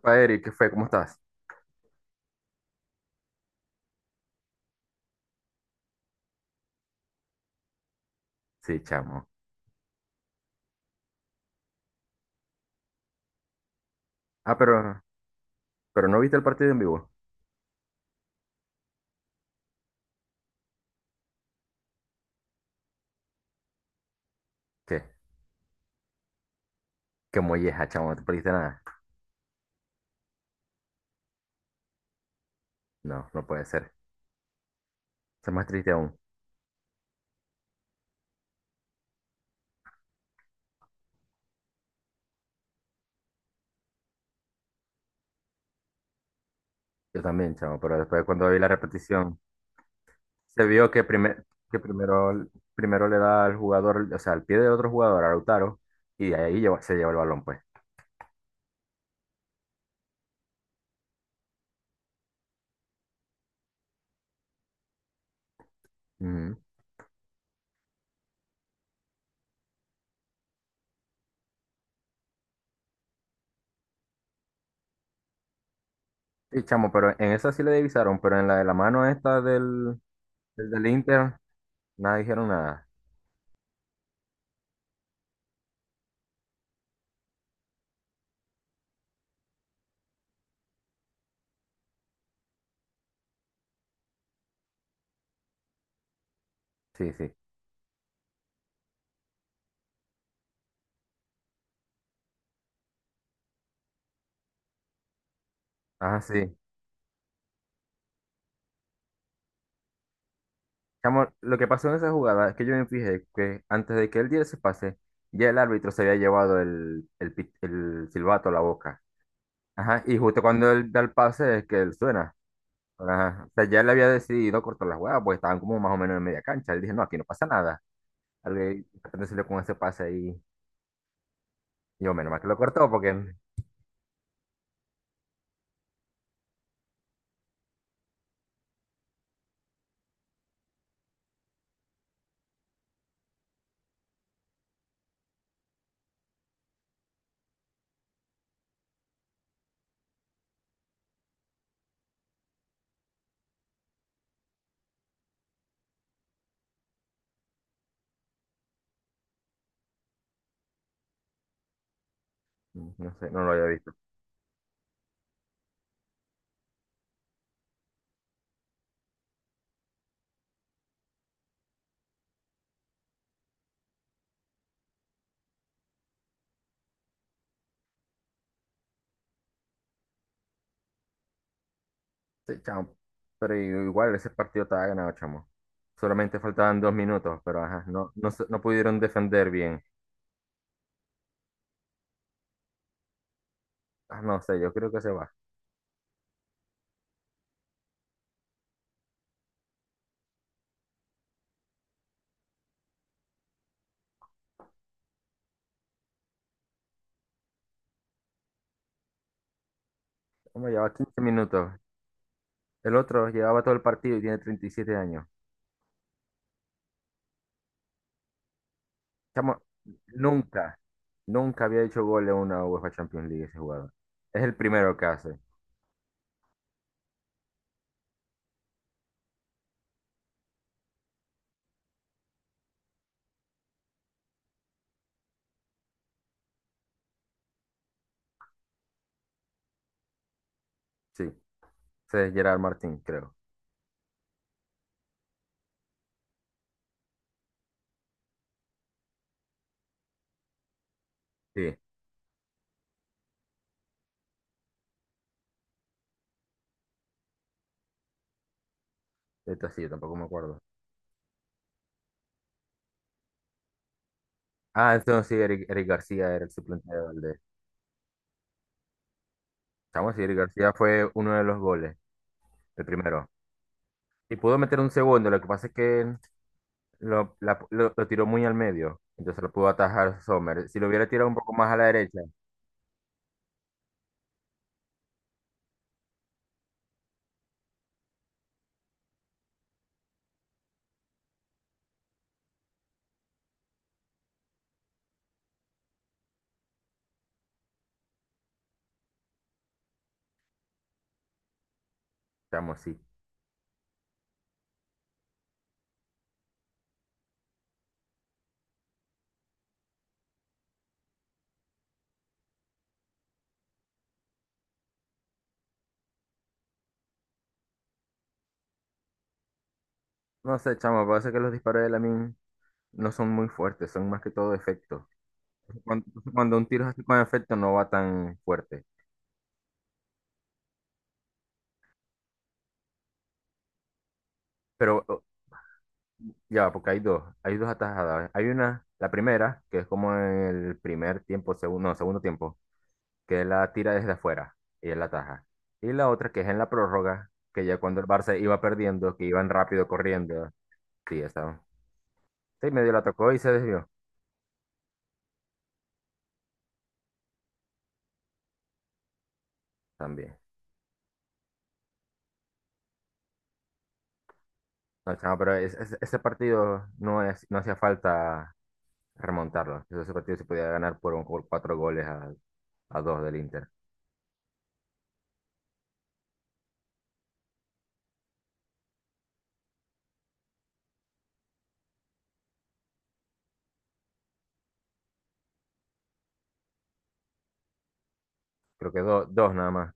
Pa, Eric, ¿qué fue? ¿Cómo estás? Sí, chamo. Ah, pero, pero no viste el partido en vivo. ¿Qué? Qué molleja, chamo, no te perdiste nada. No, no puede ser. Eso es más triste aún. Yo también, chamo, pero después cuando vi la repetición, se vio que, primer, que primero, primero le da al jugador, o sea, al pie de otro jugador, a Lautaro, y se lleva el balón, pues. Ujú. Sí, chamo, pero en esa sí le divisaron, pero en la de la mano esta del Inter, nada dijeron nada. Sí, sí. Ah, sí. Chamo, lo que pasó en esa jugada es que yo me fijé que antes de que él diera ese pase, ya el árbitro se había llevado el silbato a la boca. Ajá, y justo cuando él da el pase es que él suena. Ajá, o sea, ya él había decidido cortar la jugada porque estaban como más o menos en media cancha. Él dije, no, aquí no pasa nada. Al de repente salió con ese pase ahí. Y yo, menos mal que lo cortó porque no sé, no lo había visto. Sí, chamo. Pero igual ese partido estaba ganado, chamo. Solamente faltaban 2 minutos, pero ajá, no pudieron defender bien. Ah, no sé, yo creo que se va. Como lleva 15 minutos. El otro llevaba todo el partido y tiene 37 años. Chamo, nunca, nunca había hecho gol en una UEFA Champions League ese jugador. Es el primero que hace. Sí, ese es Gerard Martín, creo. Sí, esto sí, yo tampoco me acuerdo. Ah, entonces sí, Eric García era el suplente de Valdés. Chamo, sí, Eric García fue uno de los goles, el primero. Y pudo meter un segundo, lo que pasa es que lo tiró muy al medio, entonces lo pudo atajar Sommer. Si lo hubiera tirado un poco más a la derecha, chamo, sí. No sé, chamo, parece que los disparos de Lamin no son muy fuertes, son más que todo efectos. Cuando, cuando un tiro es así con efecto no va tan fuerte. Pero ya, porque hay dos atajadas. Hay una, la primera, que es como en el primer tiempo, segundo, no, segundo tiempo, que él la tira desde afuera y él la ataja. Y la otra, que es en la prórroga, que ya cuando el Barça iba perdiendo, que iban rápido corriendo. Sí, esa. Sí, medio la tocó y se desvió también. No, chamo, pero ese partido no, es, no hacía falta remontarlo. Ese partido se podía ganar por 4 goles a dos del Inter. Creo que dos nada más.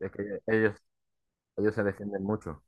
Es que ellos se defienden mucho.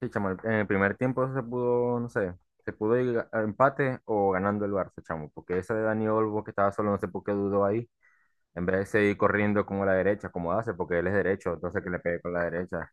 Sí, chamo, en el primer tiempo se pudo, no sé, se pudo ir a empate o ganando el Barça, chamo, porque esa de Dani Olmo que estaba solo, no sé por qué dudó ahí, en vez de seguir corriendo como la derecha, como hace, porque él es derecho, entonces que le pegue con la derecha.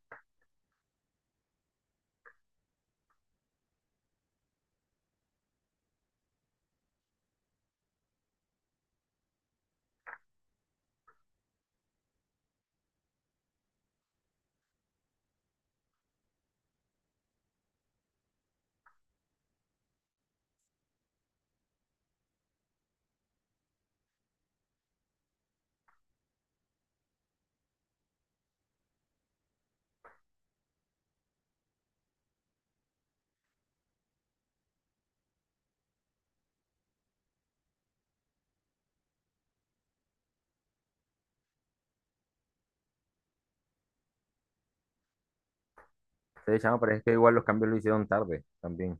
Sí, chamo, pero es que igual los cambios lo hicieron tarde también,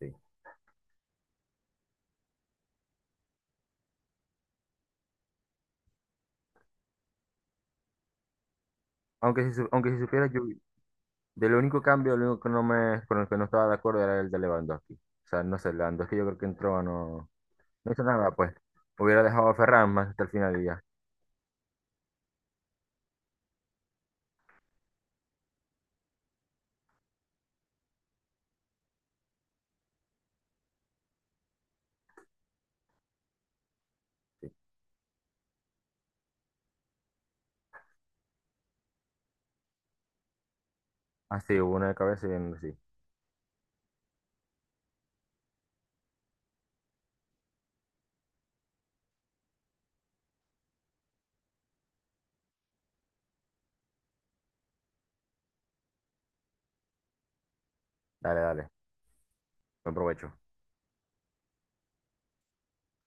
sí. Aunque aunque si supieras, yo, del único cambio, el único que no me, con el que no estaba de acuerdo era el de Lewandowski. O sea, no sé, Lewandowski yo creo que entró, no, no hizo nada, pues. Hubiera dejado a Ferran más hasta el final y ya. Así, hubo una de cabeza sí. Dale, dale. Buen provecho.